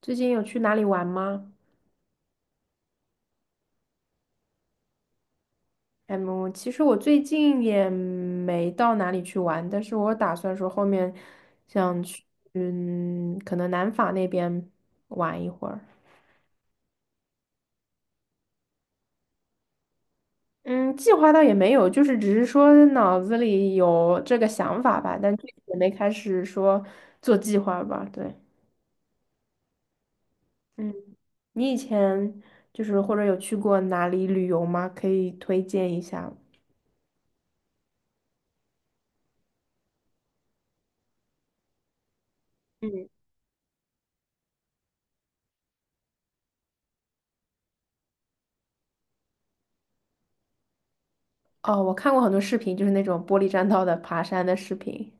最近有去哪里玩吗？嗯，其实我最近也没到哪里去玩，但是我打算说后面想去，嗯，可能南法那边玩一会儿。嗯，计划倒也没有，就是只是说脑子里有这个想法吧，但具体也没开始说做计划吧。对，嗯，你以前就是或者有去过哪里旅游吗？可以推荐一下。嗯，哦，我看过很多视频，就是那种玻璃栈道的爬山的视频。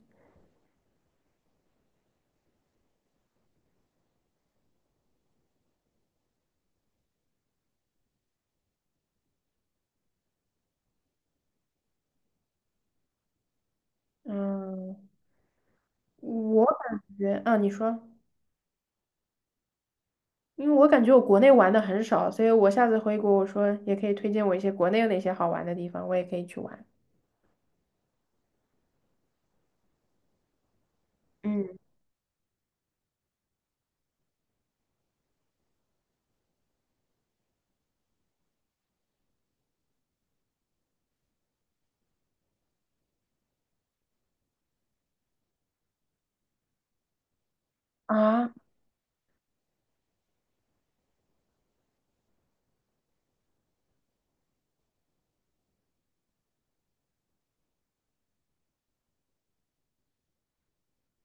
嗯，我感觉啊，你说，因为我感觉我国内玩的很少，所以我下次回国，我说也可以推荐我一些国内有哪些好玩的地方，我也可以去玩。嗯，啊，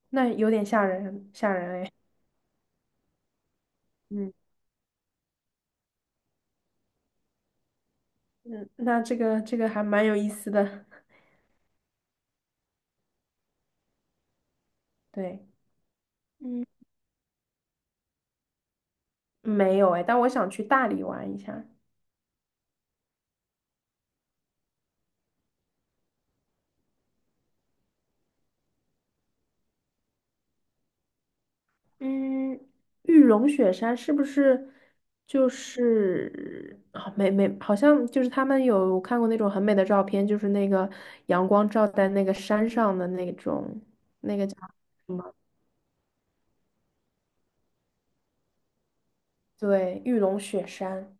那有点吓人，吓人哎。嗯，嗯，那这个还蛮有意思的。对，嗯，没有哎，但我想去大理玩一下。嗯，玉龙雪山是不是就是啊、没没，好像就是他们有看过那种很美的照片，就是那个阳光照在那个山上的那种，那个叫什么？对，玉龙雪山。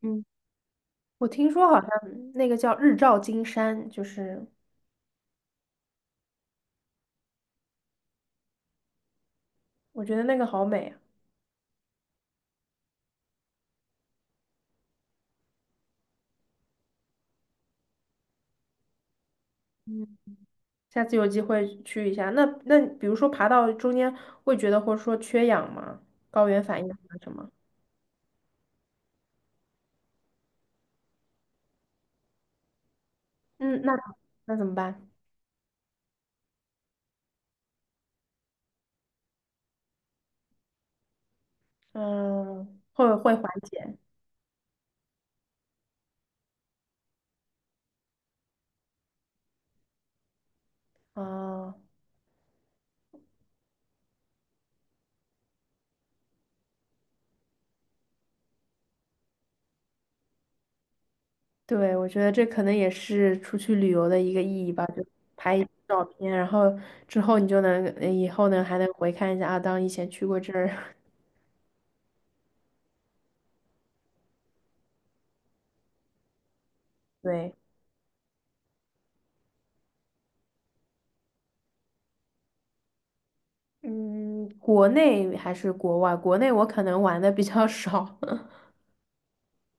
嗯，我听说好像那个叫日照金山，就是我觉得那个好美啊。嗯，下次有机会去一下。那比如说爬到中间会觉得或者说缺氧吗？高原反应啊什么？嗯，那那怎么办？嗯，会会缓解。啊，对，我觉得这可能也是出去旅游的一个意义吧，就拍一些照片，然后之后你就能，以后呢还能回看一下啊，当以前去过这儿。对，嗯，国内还是国外？国内我可能玩的比较少，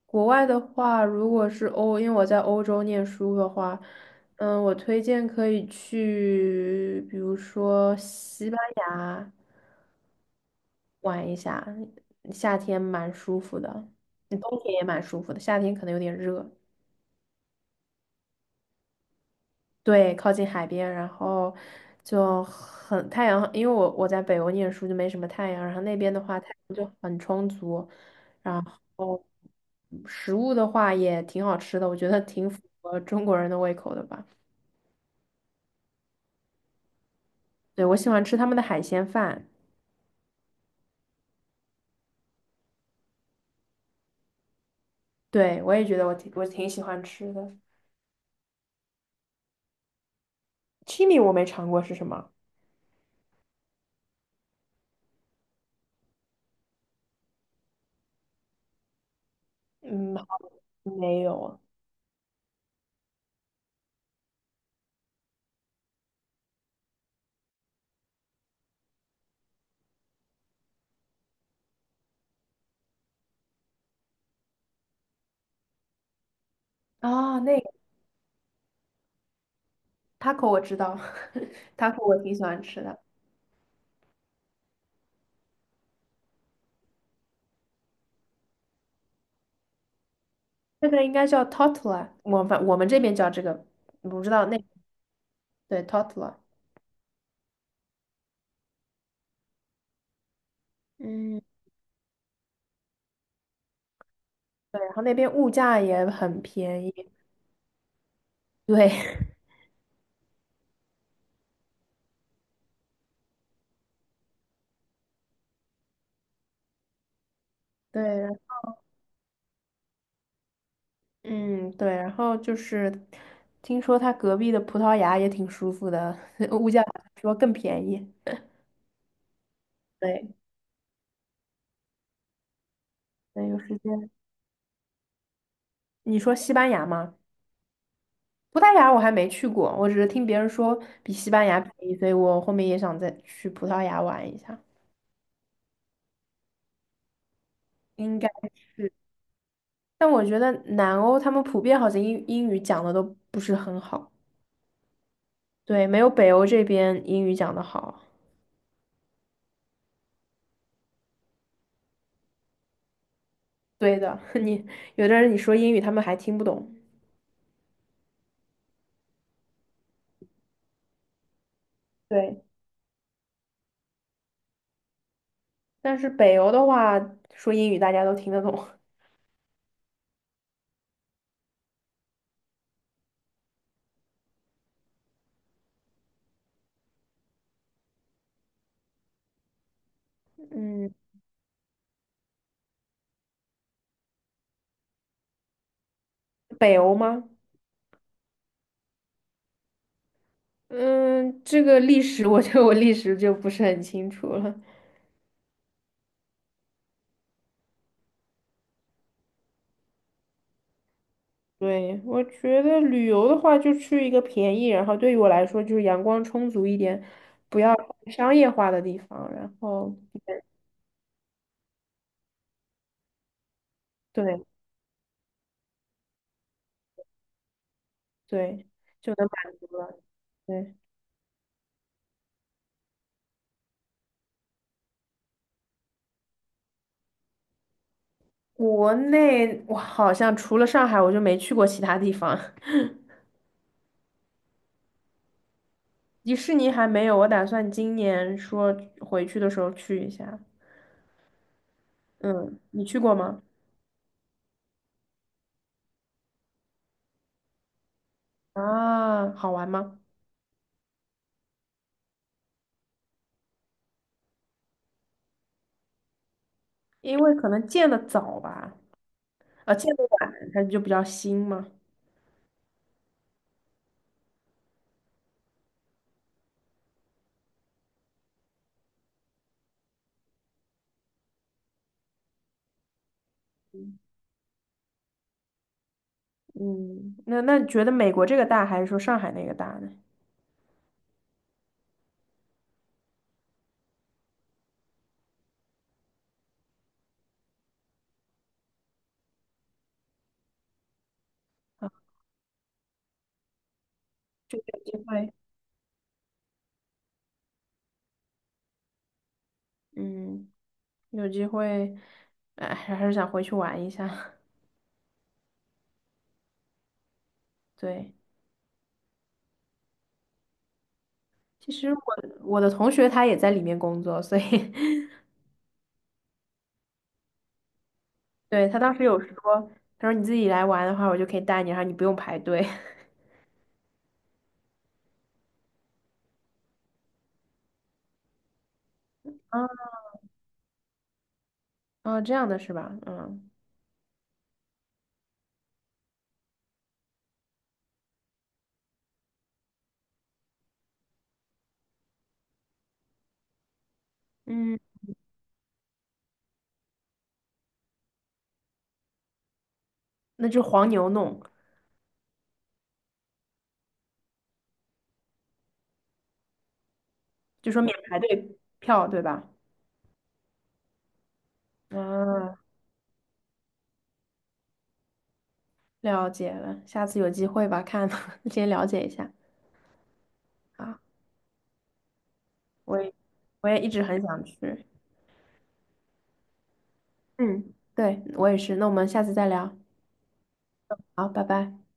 国外的话，如果是欧，因为我在欧洲念书的话，嗯，我推荐可以去，比如说西班牙。玩一下，夏天蛮舒服的，嗯，冬天也蛮舒服的，夏天可能有点热。对，靠近海边，然后就很太阳，因为我在北欧念书就没什么太阳，然后那边的话太阳就很充足，然后食物的话也挺好吃的，我觉得挺符合中国人的胃口的吧。对，我喜欢吃他们的海鲜饭，对，我也觉得我挺喜欢吃的。Chimi 我没尝过是什么？嗯，好，没有啊，啊，那 taco 我知道 ，taco 我挺喜欢吃的。那个应该叫 t o r t i l a， 我们这边叫这个，我不知道那，对 t o r t i l a。 嗯，对，然后那边物价也很便宜。对 对，嗯，对。然后就是听说他隔壁的葡萄牙也挺舒服的，物价好像说更便宜。对，对，有时间。你说西班牙吗？葡萄牙我还没去过，我只是听别人说比西班牙便宜，所以我后面也想再去葡萄牙玩一下。应该是，但我觉得南欧他们普遍好像英语讲的都不是很好，对，没有北欧这边英语讲的好。对的，你有的人你说英语他们还听不懂，对，但是北欧的话说英语大家都听得懂。嗯，北欧吗？嗯，这个历史我觉得我历史就不是很清楚了。对，我觉得旅游的话，就去一个便宜，然后对于我来说就是阳光充足一点，不要太商业化的地方，然后。对，对，就能满足了。对，国内我好像除了上海，我就没去过其他地方。迪士尼还没有，我打算今年说回去的时候去一下。嗯，你去过吗？啊，好玩吗？因为可能建的早吧，啊，建的晚，它就比较新嘛。嗯，那你觉得美国这个大还是说上海那个大呢？啊，有机会，嗯，有机会，哎，还是想回去玩一下。对。其实我的同学他也在里面工作，所以 对，他当时有说，他说你自己来玩的话，我就可以带你，然后你不用排队。啊，啊，这样的是吧？嗯，嗯，那就黄牛弄，就说免排队票，对吧？啊，了解了，下次有机会吧，看 先了解一下。啊，我也我也一直很想去。嗯，对，我也是。那我们下次再聊。好，拜拜。